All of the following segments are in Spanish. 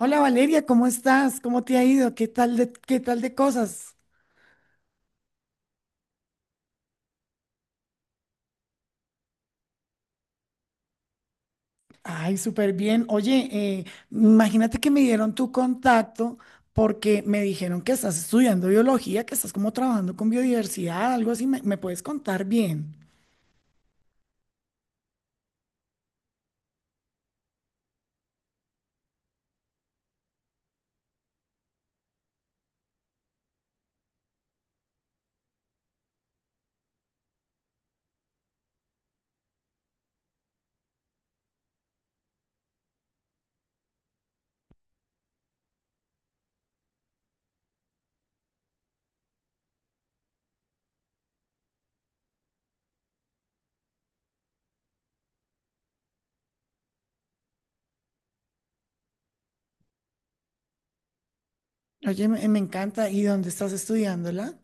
Hola Valeria, ¿cómo estás? ¿Cómo te ha ido? ¿Qué tal de cosas? Ay, súper bien. Oye, eh, imagínate que me dieron tu contacto porque me dijeron que estás estudiando biología, que estás como trabajando con biodiversidad, algo así. ¿Me puedes contar bien? Oye, me encanta. ¿Y dónde estás estudiándola?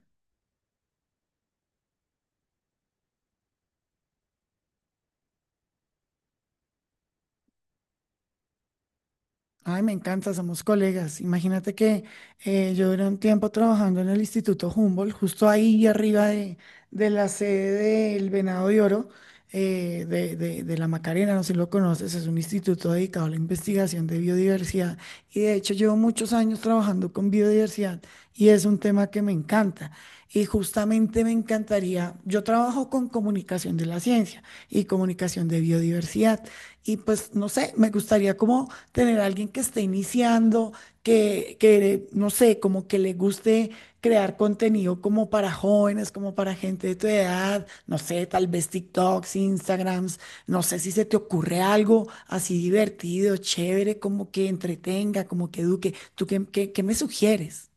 Ay, me encanta, somos colegas. Imagínate que yo duré un tiempo trabajando en el Instituto Humboldt, justo ahí arriba de la sede del Venado de Oro, de la Macarena, no sé si lo conoces, es un instituto dedicado a la investigación de biodiversidad. Y de hecho llevo muchos años trabajando con biodiversidad y es un tema que me encanta. Y justamente me encantaría, yo trabajo con comunicación de la ciencia y comunicación de biodiversidad. Y pues, no sé, me gustaría como tener a alguien que esté iniciando, no sé, como que le guste crear contenido como para jóvenes, como para gente de tu edad, no sé, tal vez TikToks, Instagrams, no sé si se te ocurre algo así divertido, chévere, como que entretenga, como que eduque. ¿Tú qué me sugieres?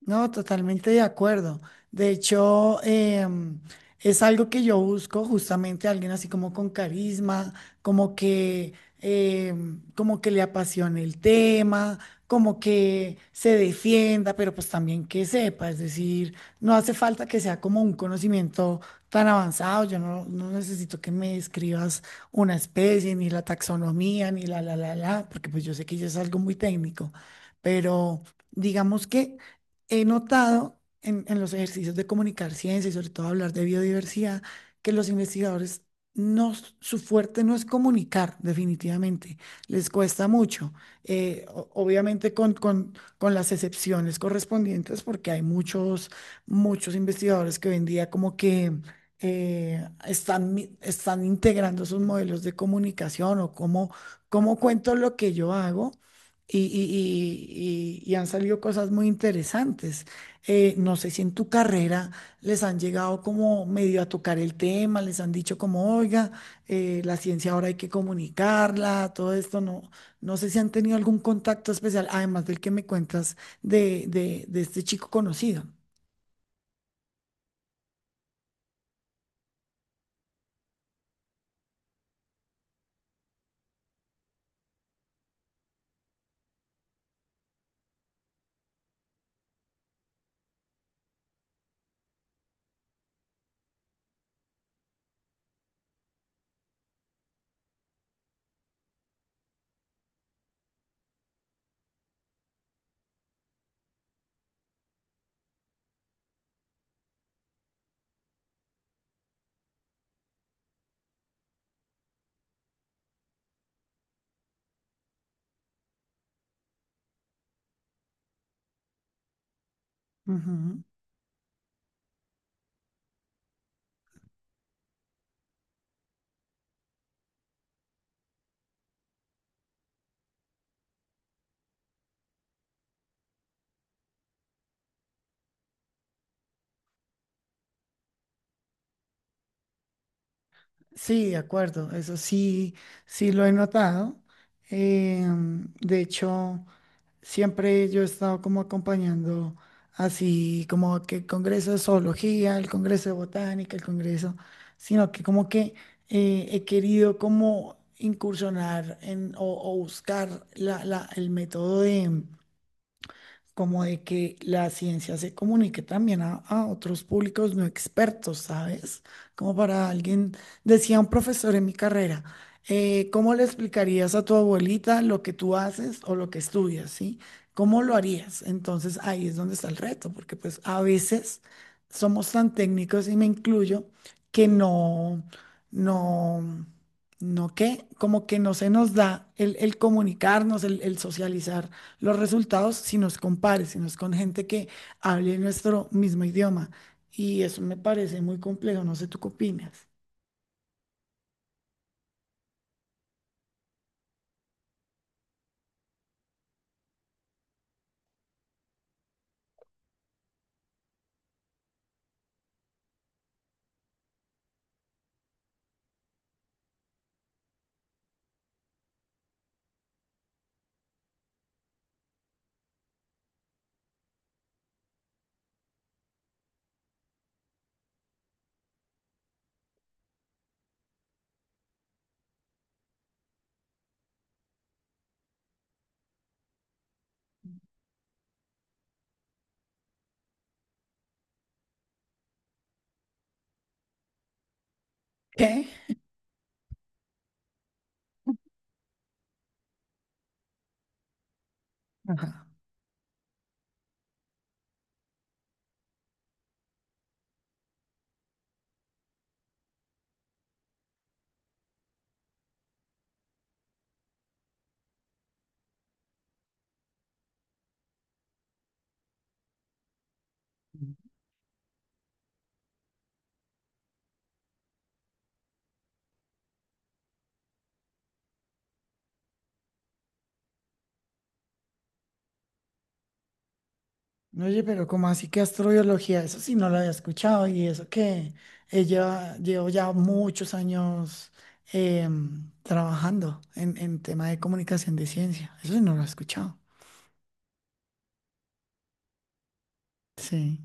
No, totalmente de acuerdo. De hecho, es algo que yo busco justamente alguien así como con carisma, como que, como que le apasione el tema, como que se defienda, pero pues también que sepa. Es decir, no hace falta que sea como un conocimiento tan avanzado. Yo no necesito que me describas una especie, ni la taxonomía, ni porque pues yo sé que ya es algo muy técnico, pero digamos que he notado en los ejercicios de comunicar ciencia y sobre todo hablar de biodiversidad, que los investigadores, su fuerte no es comunicar, definitivamente, les cuesta mucho, obviamente con las excepciones correspondientes, porque hay muchos, muchos investigadores que hoy en día como que están, están integrando sus modelos de comunicación o cómo, cómo cuento lo que yo hago y, y- y han salido cosas muy interesantes. No sé si en tu carrera les han llegado como medio a tocar el tema, les han dicho como, oiga, la ciencia ahora hay que comunicarla, todo esto, no sé si han tenido algún contacto especial, además del que me cuentas de este chico conocido. Ujú. Sí, de acuerdo, eso sí, sí lo he notado. De hecho, siempre yo he estado como acompañando así como que el Congreso de Zoología, el Congreso de Botánica, el Congreso, sino que como que he querido como incursionar o buscar el método de, como de que la ciencia se comunique también a otros públicos no expertos, ¿sabes? Como para alguien, decía un profesor en mi carrera, ¿cómo le explicarías a tu abuelita lo que tú haces o lo que estudias, ¿sí? ¿Cómo lo harías? Entonces ahí es donde está el reto, porque pues a veces somos tan técnicos y me incluyo que no, como que no se nos da el comunicarnos, el socializar los resultados si nos compares, si nos con gente que hable nuestro mismo idioma. Y eso me parece muy complejo, no sé tú qué opinas. ¿Qué? Ajá. Oye, pero ¿cómo así que astrobiología? Eso sí no lo había escuchado y eso que ella llevo ya muchos años trabajando en tema de comunicación de ciencia. Eso sí no lo he escuchado. Sí.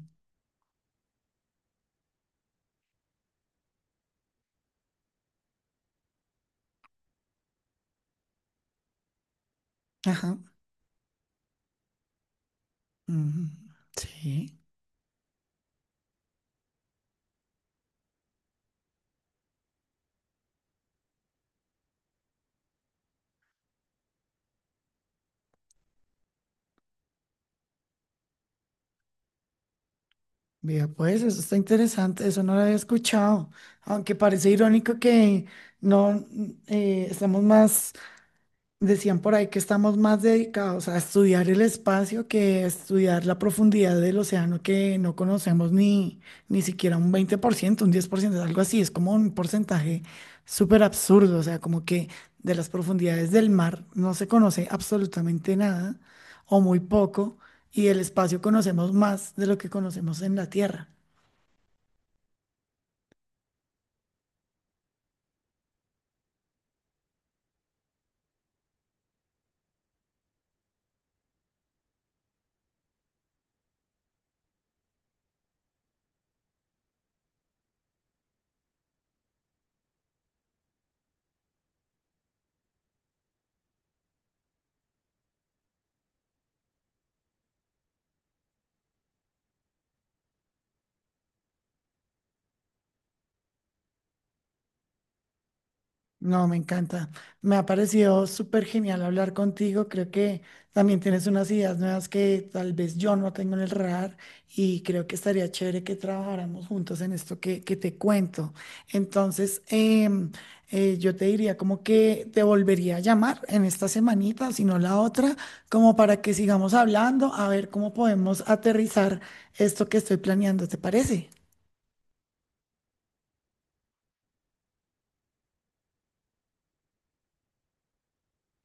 Ajá. Ujú. Sí. Vea, pues eso está interesante, eso no lo había escuchado, aunque parece irónico que no mm, estamos más, decían por ahí que estamos más dedicados a estudiar el espacio que a estudiar la profundidad del océano que no conocemos ni siquiera un 20%, un 10%, algo así, es como un porcentaje súper absurdo, o sea, como que de las profundidades del mar no se conoce absolutamente nada o muy poco y del espacio conocemos más de lo que conocemos en la Tierra. No, me encanta. Me ha parecido súper genial hablar contigo. Creo que también tienes unas ideas nuevas que tal vez yo no tengo en el radar y creo que estaría chévere que trabajáramos juntos en esto que te cuento. Entonces, yo te diría como que te volvería a llamar en esta semanita, si no la otra, como para que sigamos hablando, a ver cómo podemos aterrizar esto que estoy planeando, ¿te parece?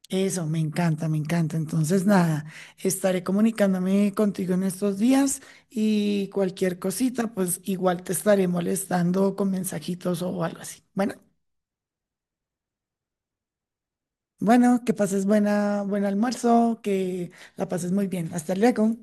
Eso, me encanta, me encanta. Entonces, nada, estaré comunicándome contigo en estos días y cualquier cosita, pues igual te estaré molestando con mensajitos o algo así. Bueno, bueno, que pases buen almuerzo, que la pases muy bien. Hasta luego.